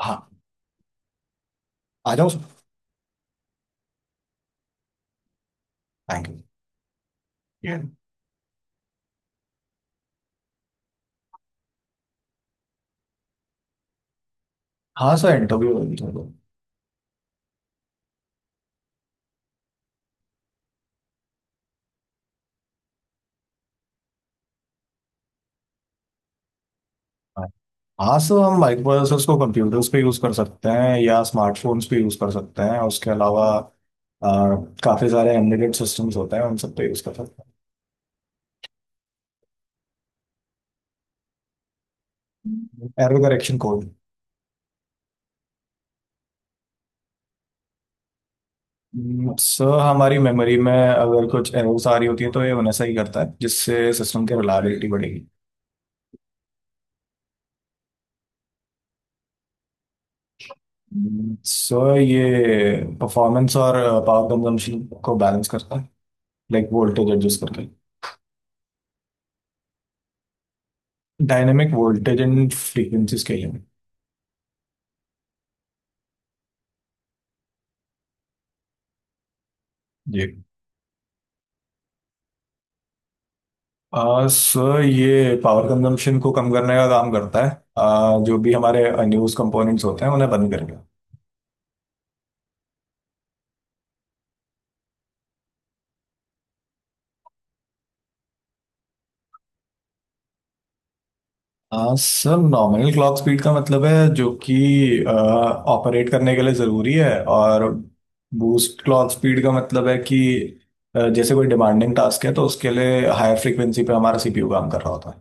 हाँ। आ जाओ सर। Thank you. Yeah. हाँ सर इंटरव्यू होगी थोड़ी देर। हाँ। हाँ, सर हम माइक्रोप्रोसेसर्स को कंप्यूटर्स पे यूज़ कर सकते हैं या स्मार्टफोन्स पे यूज़ कर सकते हैं। उसके अलावा काफ़ी सारे एम्बेडेड सिस्टम्स होते हैं, उन सब पे यूज़ कर सकते हैं। Error correction code. सर हमारी मेमोरी में अगर कुछ एरर्स आ रही होती है तो ये उन्हें सही करता है, जिससे सिस्टम की रिलायबिलिटी बढ़ेगी। सर ये परफॉर्मेंस और पावर कंजम्पशन को बैलेंस करता है, लाइक वोल्टेज एडजस्ट करके। Dynamic voltage and frequency scaling. Ji. Sir ये पावर कंजम्पशन को कम करने का काम करता है, जो भी हमारे अनयूज कंपोनेंट्स होते हैं उन्हें बंद करके। सर नॉमिनल क्लॉक स्पीड का मतलब है जो कि ऑपरेट करने के लिए ज़रूरी है। और बूस्ट क्लॉक स्पीड का मतलब है कि जैसे कोई डिमांडिंग टास्क है तो उसके लिए हायर फ्रीक्वेंसी पे हमारा सीपीयू काम कर रहा होता है।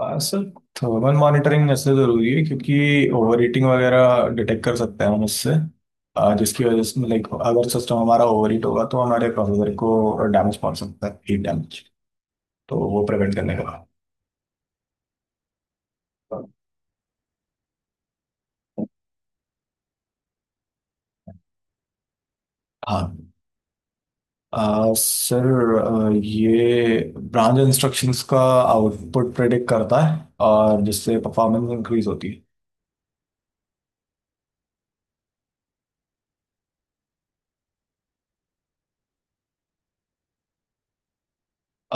हाँ सर। थर्मल मॉनिटरिंग ऐसे ज़रूरी है क्योंकि ओवर हीटिंग वगैरह डिटेक्ट कर सकते हैं हम उससे, जिसकी वजह से लाइक अगर सिस्टम हमारा ओवर हीट होगा तो हमारे प्रोसेसर को डैमेज पहुंच सकता है, हीट डैमेज, तो वो प्रिवेंट करने का। हाँ, सर, ये ब्रांच इंस्ट्रक्शंस का आउटपुट प्रेडिक्ट करता है और जिससे परफॉर्मेंस इंक्रीज होती है।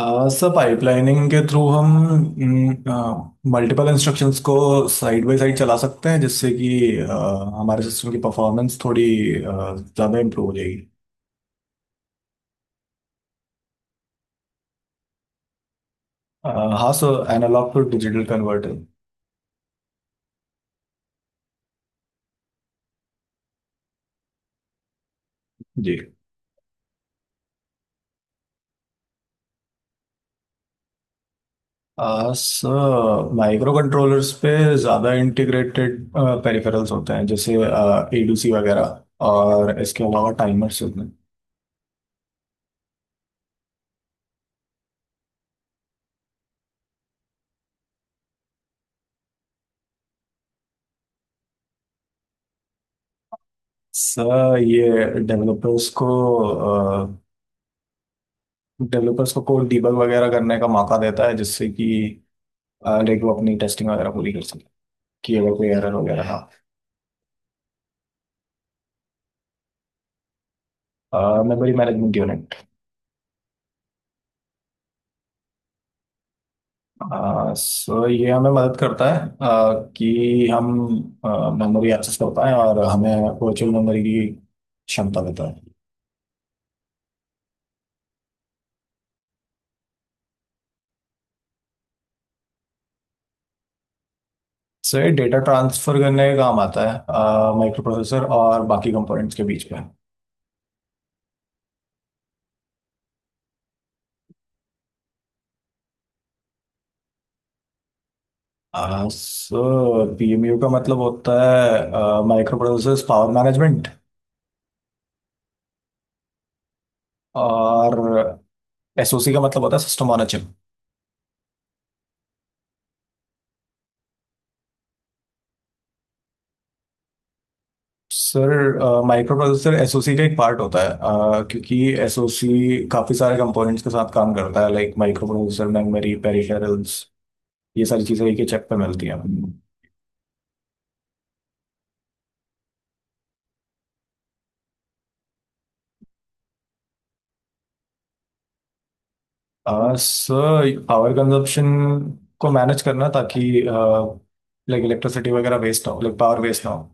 सर पाइपलाइनिंग के थ्रू हम मल्टीपल इंस्ट्रक्शंस को साइड बाय साइड चला सकते हैं, जिससे कि आ, हमारे सिस्टम की परफॉर्मेंस थोड़ी ज़्यादा इम्प्रूव हो जाएगी। आ, हाँ sir, analogue to digital converter. Ji. Sir microcontrollers पे ज़्यादा इंटीग्रेटेड पेरिफेरल्स होते हैं, जैसे एडीसी वगैरह। और इसके अलावा टाइमर्स होते हैं। सर ये डेवलपर्स को डेवलपर्स को कोड डीबग वगैरह करने का मौका देता है, जिससे कि लाइक वो अपनी टेस्टिंग वगैरह पूरी कर सके कि अगर कोई एरर वगैरह। हाँ, मेमोरी मैनेजमेंट यूनिट। सो ये हमें मदद करता है कि हम मेमोरी एक्सेस कर पाएं और हमें वर्चुअल मेमोरी की क्षमता देता है। सो ये डेटा ट्रांसफर करने का काम आता है, माइक्रो प्रोसेसर और बाकी कंपोनेंट्स के बीच में। सो पीएमयू का मतलब होता है माइक्रो प्रोसेसर पावर मैनेजमेंट। और एसओसी का मतलब होता है system on a chip. Sir microprocessor SOC का एक पार्ट होता है, क्योंकि एसओसी काफी सारे कंपोनेंट्स के साथ काम करता है, like micro processor, memory, peripherals. ये सारी चीजें एक ही चिप पे मिलती हैं। सर पावर कंजप्शन को मैनेज करना, ताकि लाइक इलेक्ट्रिसिटी वगैरह वेस्ट ना हो, लाइक पावर वेस्ट ना हो।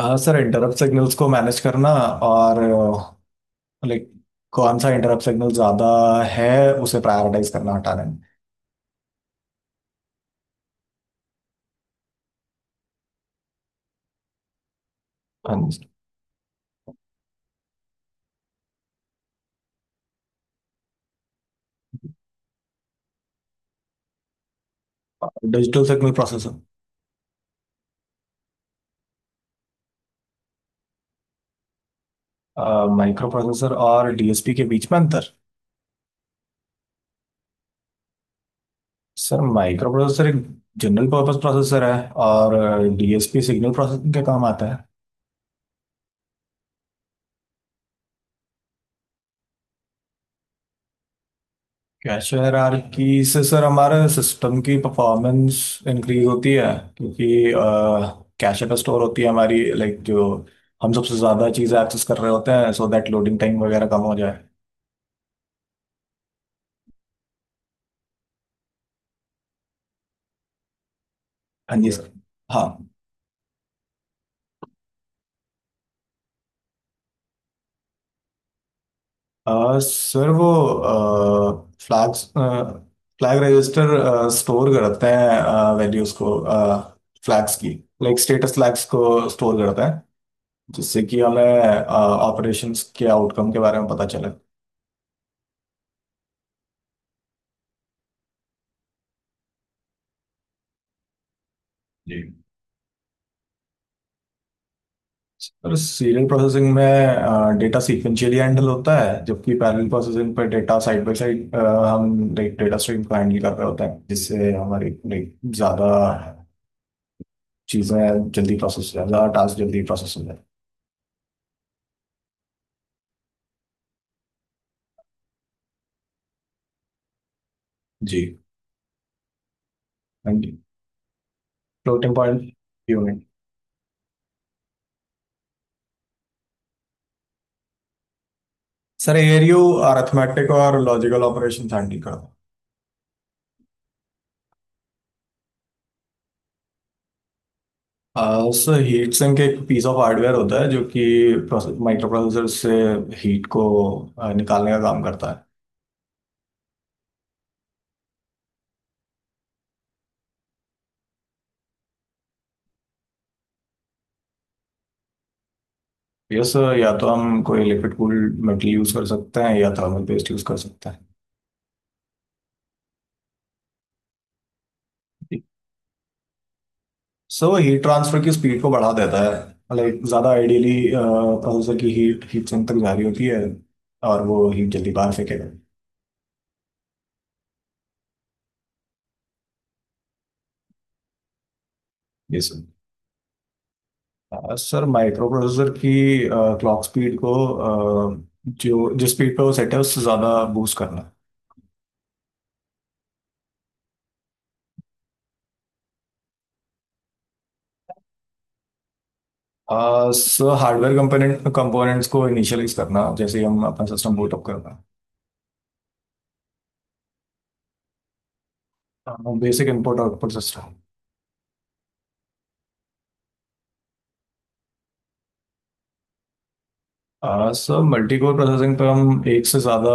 हाँ सर, इंटरप्ट सिग्नल्स को मैनेज करना, और लाइक कौन सा इंटरप्ट सिग्नल ज़्यादा है उसे प्रायोरिटाइज करना हटाने में। Digital signal processor. Microprocessor और डीएसपी के बीच में अंतर। सर माइक्रो प्रोसेसर एक जनरल पर्पस प्रोसेसर है, और डीएसपी सिग्नल प्रोसेसिंग के काम आता है। कैश हायरार्की से सर हमारे सिस्टम की परफॉर्मेंस इंक्रीज होती है, क्योंकि कैश पे स्टोर होती है हमारी लाइक जो हम सबसे ज़्यादा चीज़ें एक्सेस कर रहे होते हैं, सो दैट लोडिंग टाइम वगैरह कम हो जाए। हाँ जी, Yeah. सर। हाँ। सर वो फ्लैग रजिस्टर स्टोर करते हैं वैल्यूज को, फ्लैग्स की, लाइक स्टेटस फ्लैग्स को स्टोर करते हैं, जिससे कि हमें ऑपरेशंस के आउटकम के बारे में पता चले। और सीरियल प्रोसेसिंग में डेटा सीक्वेंशियली हैंडल होता है, जबकि पैरेलल प्रोसेसिंग पर डेटा साइड बाय साइड हम डेटा स्ट्रीम को हैंडल कर रहे होते हैं, जिससे हमारी like, ज्यादा चीजें जल्दी प्रोसेस हो जाए, ज्यादा टास्क जल्दी प्रोसेस हो जाए। जी। Thank you. Floating point unit. Sir ALU arithmetic और लॉजिकल ऑपरेशन हैंडल करता है। सर हीट सिंक एक पीस ऑफ हार्डवेयर होता है जो कि माइक्रो प्रोसेसर से हीट को निकालने का काम करता है। यस सर, या तो हम कोई लिक्विड कूल्ड मेटल यूज कर सकते हैं या थर्मल पेस्ट यूज कर सकते हैं। सो हीट ट्रांसफर की स्पीड को बढ़ा देता है, लाइक ज़्यादा आइडियली प्रोसेसर की हीट हीट सिंक तक जा रही होती है और वो हीट जल्दी बाहर फेंकेगा। ये सर। सर माइक्रो प्रोसेसर की क्लॉक स्पीड को अ, जो जिस स्पीड पे वो सेट है उससे ज़्यादा बूस्ट करना। सो हार्डवेयर कंपोनेंट्स को इनिशियलाइज करना, जैसे हम अपना सिस्टम बूट अप करना। Basic input output system. Sir multicore processing पर हम एक से ज़्यादा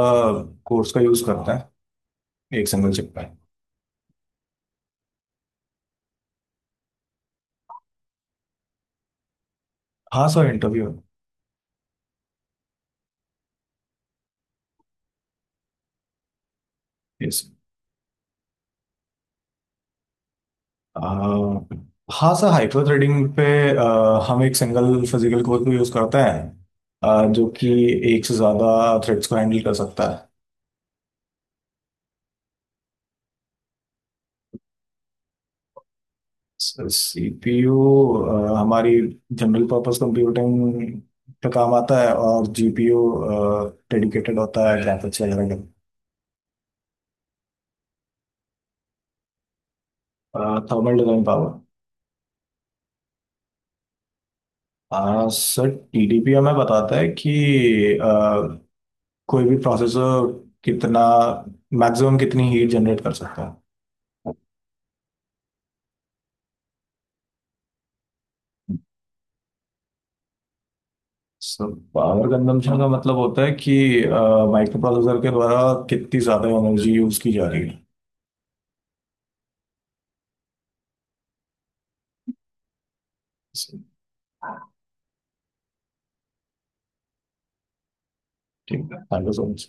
कोर्स का यूज़ करते हैं, एक सिंगल चिप पे। हाँ सर, इंटरव्यू। यस। हाँ सर, हाइपर थ्रेडिंग पे हम एक सिंगल फिजिकल कोर को यूज़ करते हैं जो कि एक से ज़्यादा थ्रेड्स को हैंडल कर सकता है। सर सीपीयू हमारी जनरल पर्पस कंप्यूटिंग पे काम आता है, और जीपीयू डेडिकेटेड होता है ग्राफिक्स वगैरह के। Thermal design power. हाँ सर, टीडीपी हमें बताता है कि अ, कोई भी प्रोसेसर कितना मैक्सिमम कितनी हीट जनरेट कर सकता है। सो पावर कंजम्पशन का मतलब होता है कि माइक्रो प्रोसेसर के द्वारा कितनी ज़्यादा एनर्जी यूज की जा रही है। ठीक है, थैंक यू सो मच।